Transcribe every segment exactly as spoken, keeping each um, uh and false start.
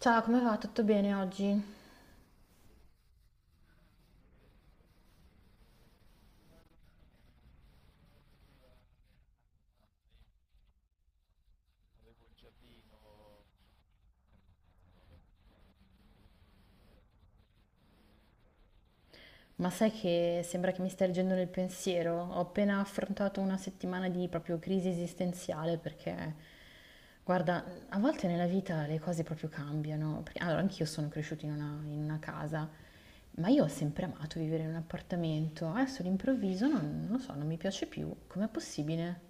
Ciao, come va? Tutto bene oggi? Ma sai che sembra che mi stia leggendo nel pensiero? Ho appena affrontato una settimana di proprio crisi esistenziale perché, guarda, a volte nella vita le cose proprio cambiano. Perché, allora, anch'io sono cresciuta in una, in una casa, ma io ho sempre amato vivere in un appartamento. Adesso all'improvviso non, non lo so, non mi piace più. Com'è possibile?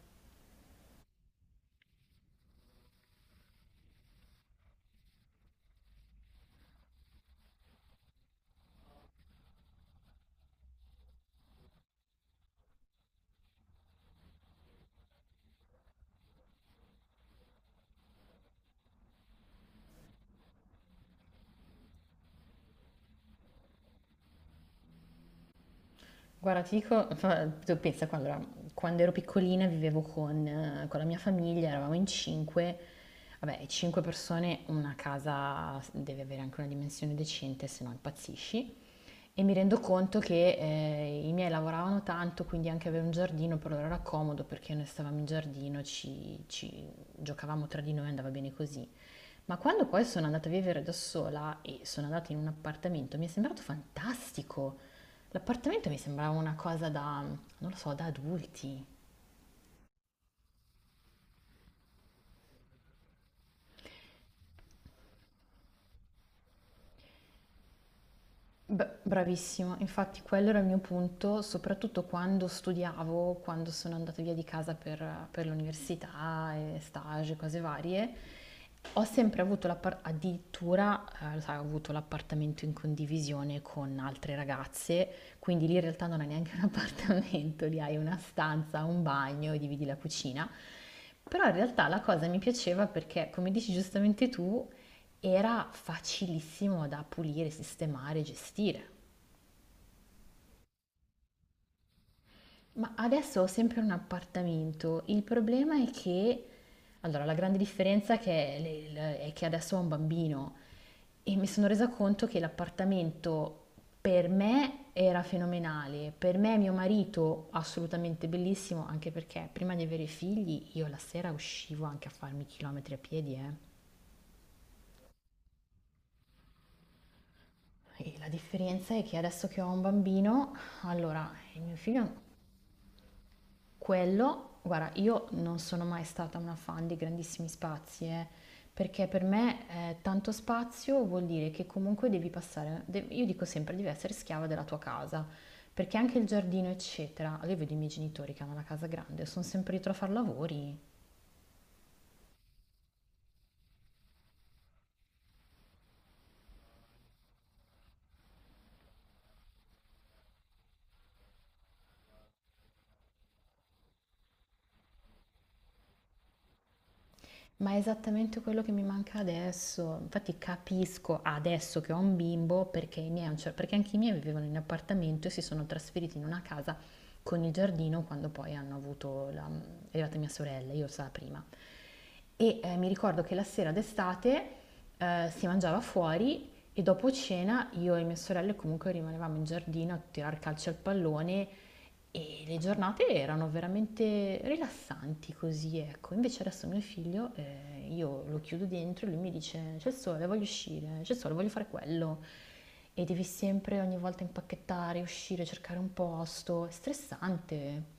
Guarda, ti dico, fa- tu pensa, qua, allora, quando ero piccolina vivevo con, eh, con la mia famiglia, eravamo in cinque, vabbè, cinque persone, una casa deve avere anche una dimensione decente, se no impazzisci. E mi rendo conto che eh, i miei lavoravano tanto, quindi anche avere un giardino per loro era comodo perché noi stavamo in giardino, ci, ci giocavamo tra di noi, andava bene così. Ma quando poi sono andata a vivere da sola e sono andata in un appartamento, mi è sembrato fantastico. L'appartamento mi sembrava una cosa da, non lo so, da adulti. Beh, bravissima, infatti quello era il mio punto, soprattutto quando studiavo, quando sono andata via di casa per, per l'università, e stage, cose varie, ho sempre avuto l'appar- addirittura, eh, lo sai, ho avuto l'appartamento in condivisione con altre ragazze, quindi lì in realtà non hai neanche un appartamento, lì hai una stanza, un bagno, dividi la cucina. Però in realtà la cosa mi piaceva perché, come dici giustamente tu, era facilissimo da pulire, sistemare, gestire. Ma adesso ho sempre un appartamento. Il problema è che, allora, la grande differenza che è, le- è che adesso ho un bambino e mi sono resa conto che l'appartamento per me era fenomenale, per me e mio marito assolutamente bellissimo, anche perché prima di avere figli io la sera uscivo anche a farmi chilometri a piedi, eh. E la differenza è che adesso che ho un bambino, allora, il mio figlio. Quello, guarda, io non sono mai stata una fan di grandissimi spazi, eh, perché per me eh, tanto spazio vuol dire che comunque devi passare, de- io dico sempre, devi essere schiava della tua casa, perché anche il giardino, eccetera, io vedo i miei genitori che hanno una casa grande, sono sempre dietro a fare lavori. Ma è esattamente quello che mi manca adesso. Infatti capisco adesso che ho un bimbo perché i miei, a un cer- perché anche i miei vivevano in appartamento e si sono trasferiti in una casa con il giardino quando poi hanno avuto la, è arrivata mia sorella, io stavo prima. E eh, mi ricordo che la sera d'estate eh, si mangiava fuori e dopo cena io e mie sorelle comunque rimanevamo in giardino a tirar calcio al pallone e le giornate erano veramente rilassanti così, ecco. Invece adesso mio figlio, eh, io lo chiudo dentro e lui mi dice c'è il sole, voglio uscire, c'è il sole, voglio fare quello. E devi sempre ogni volta impacchettare, uscire, cercare un posto. È stressante.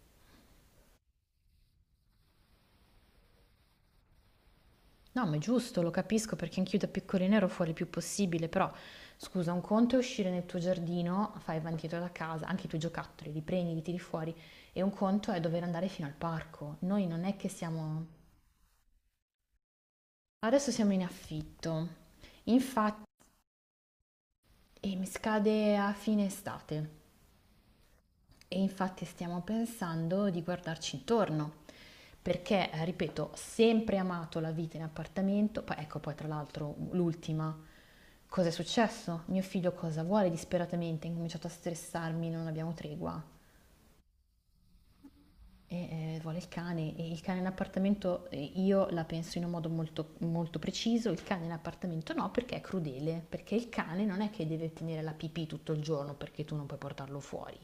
No, ma è giusto, lo capisco perché anch'io da piccolina ero fuori il più possibile, però scusa, un conto è uscire nel tuo giardino, fai avanti e indietro da casa, anche i tuoi giocattoli, li prendi, li tiri fuori, e un conto è dover andare fino al parco. Noi non è che siamo. Adesso siamo in affitto, infatti, e mi scade a fine estate e infatti stiamo pensando di guardarci intorno, perché, eh, ripeto, ho sempre amato la vita in appartamento, poi ecco poi tra l'altro l'ultima, cosa è successo? Mio figlio cosa vuole disperatamente, ha incominciato a stressarmi, non abbiamo tregua. E, eh, vuole il cane, e il cane in appartamento eh, io la penso in un modo molto, molto preciso, il cane in appartamento no perché è crudele, perché il cane non è che deve tenere la pipì tutto il giorno perché tu non puoi portarlo fuori.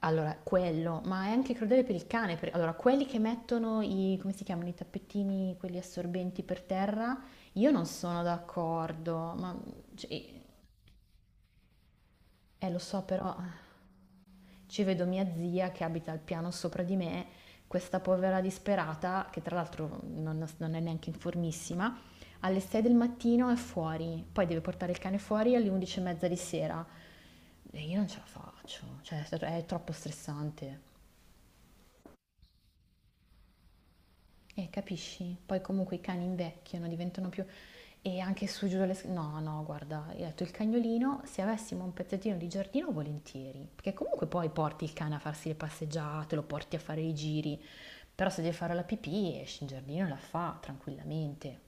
Allora, quello, ma è anche crudele per il cane, per- allora quelli che mettono i, come si chiamano, i tappetini, quelli assorbenti per terra, io non sono d'accordo, ma cioè, eh, lo so però... Ci vedo mia zia che abita al piano sopra di me, questa povera disperata, che tra l'altro non, non è neanche informissima, alle sei del mattino è fuori, poi deve portare il cane fuori alle undici e mezza e mezza di sera. E io non ce la faccio, cioè è troppo stressante. Eh, capisci? Poi comunque i cani invecchiano, diventano più... E anche su giù dalle... sc- No, no, guarda, io ho detto il cagnolino, se avessimo un pezzettino di giardino, volentieri. Perché comunque poi porti il cane a farsi le passeggiate, lo porti a fare i giri. Però se deve fare la pipì, esce in giardino e la fa tranquillamente.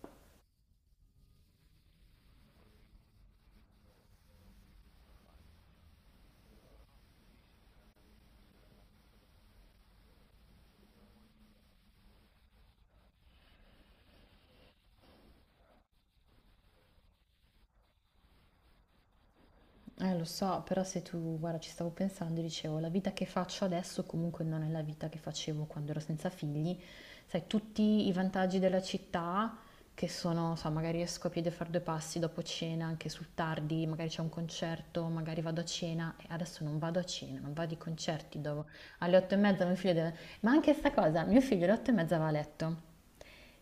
Eh, lo so, però se tu, guarda, ci stavo pensando e dicevo, la vita che faccio adesso comunque non è la vita che facevo quando ero senza figli. Sai, tutti i vantaggi della città, che sono, so, magari esco a piedi a fare due passi dopo cena, anche sul tardi, magari c'è un concerto, magari vado a cena, e adesso non vado a cena, non vado ai concerti, devo- alle otto e mezza mio figlio deve... Ma anche sta cosa, mio figlio alle otto e mezza va a letto.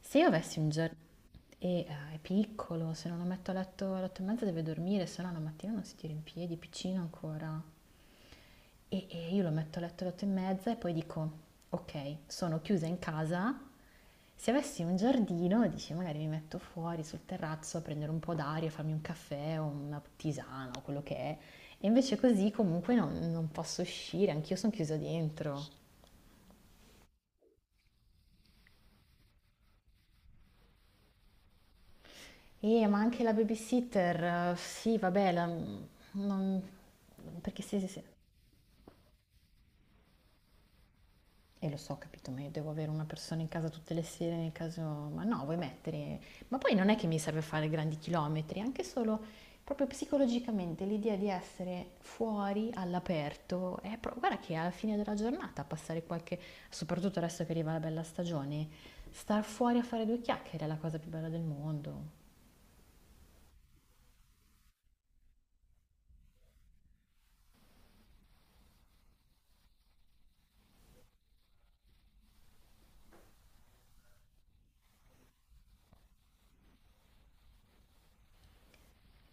Se io avessi un giorno... E eh, è piccolo, se non lo metto a letto alle otto e mezza deve dormire, se no la mattina non si tira in piedi, è piccino ancora. E, e io lo metto a letto alle otto e mezza e poi dico, ok, sono chiusa in casa. Se avessi un giardino, dici, magari mi metto fuori sul terrazzo a prendere un po' d'aria, farmi un caffè o una tisana o quello che è. E invece così comunque non, non posso uscire, anch'io sono chiusa dentro. Eh, ma anche la babysitter, eh, sì, vabbè, la- non- perché sì, sì, sì. E lo so, ho capito, ma io devo avere una persona in casa tutte le sere nel caso... Ma no, vuoi mettere... Ma poi non è che mi serve fare grandi chilometri, anche solo proprio psicologicamente l'idea di essere fuori, all'aperto, è pro- guarda che alla fine della giornata passare qualche... soprattutto adesso che arriva la bella stagione, star fuori a fare due chiacchiere è la cosa più bella del mondo.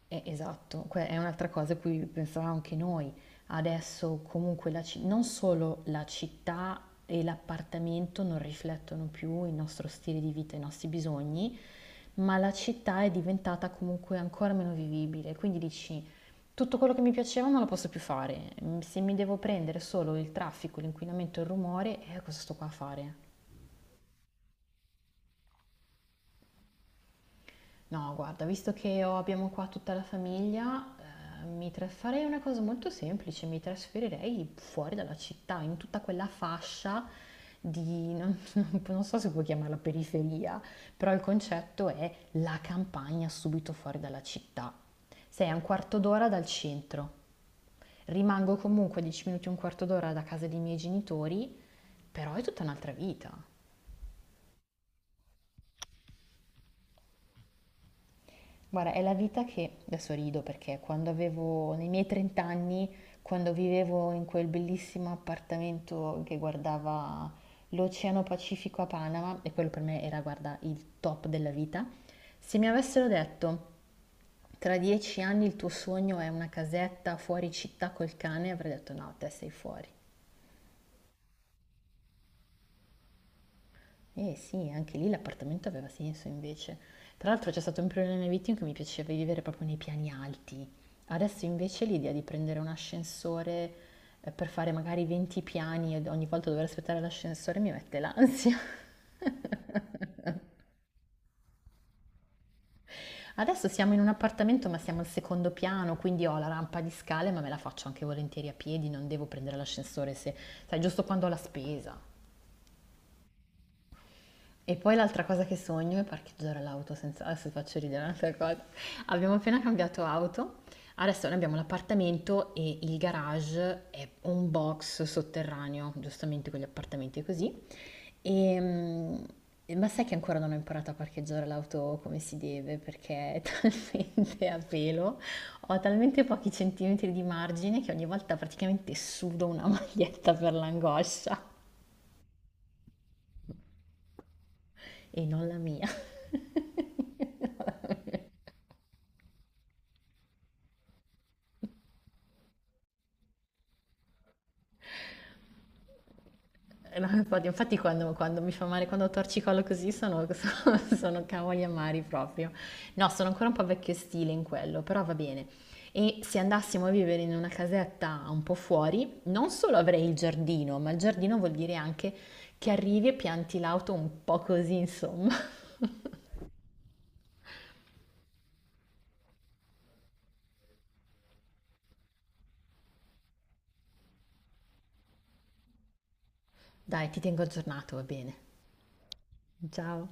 Eh, esatto, que- è un'altra cosa a cui pensavamo anche noi. Adesso comunque la ci- non solo la città e l'appartamento non riflettono più il nostro stile di vita, i nostri bisogni, ma la città è diventata comunque ancora meno vivibile. Quindi dici, tutto quello che mi piaceva non lo posso più fare. Mm, Se mi devo prendere solo il traffico, l'inquinamento e il rumore, eh, cosa sto qua a fare? No, guarda, visto che ho- abbiamo qua tutta la famiglia, eh, mi tra- farei una cosa molto semplice, mi trasferirei fuori dalla città, in tutta quella fascia di, non, non so se puoi chiamarla periferia, però il concetto è la campagna subito fuori dalla città. Sei a un quarto d'ora dal centro, rimango comunque dieci minuti, un quarto d'ora da casa dei miei genitori, però è tutta un'altra vita. Guarda, è la vita che, adesso rido perché quando avevo, nei miei trenta anni, quando vivevo in quel bellissimo appartamento che guardava l'Oceano Pacifico a Panama, e quello per me era, guarda, il top della vita, se mi avessero detto tra dieci anni il tuo sogno è una casetta fuori città col cane, avrei detto no, te sei fuori. Eh sì, anche lì l'appartamento aveva senso invece. Tra l'altro c'è stato un periodo nella mia vita in cui mi piaceva vivere proprio nei piani alti. Adesso invece l'idea di prendere un ascensore eh, per fare magari venti piani e ogni volta dover aspettare l'ascensore mi mette l'ansia. Adesso siamo in un appartamento ma siamo al secondo piano, quindi ho la rampa di scale ma me la faccio anche volentieri a piedi, non devo prendere l'ascensore se, sai, giusto quando ho la spesa. E poi l'altra cosa che sogno è parcheggiare l'auto senza... Adesso ti faccio ridere un'altra cosa. Abbiamo appena cambiato auto, adesso noi abbiamo l'appartamento e il garage è un box sotterraneo, giustamente quegli appartamenti così. Ehm, ma sai che ancora non ho imparato a parcheggiare l'auto come si deve perché è talmente a pelo, ho talmente pochi centimetri di margine che ogni volta praticamente sudo una maglietta per l'angoscia e non la mia. Eh, no, infatti, infatti quando, quando mi fa male, quando torcicolo così sono, sono, sono cavoli amari proprio. No, sono ancora un po' vecchio stile in quello, però va bene. E se andassimo a vivere in una casetta un po' fuori, non solo avrei il giardino, ma il giardino vuol dire anche che arrivi e pianti l'auto un po' così, insomma. Dai, ti tengo aggiornato, va bene. Ciao.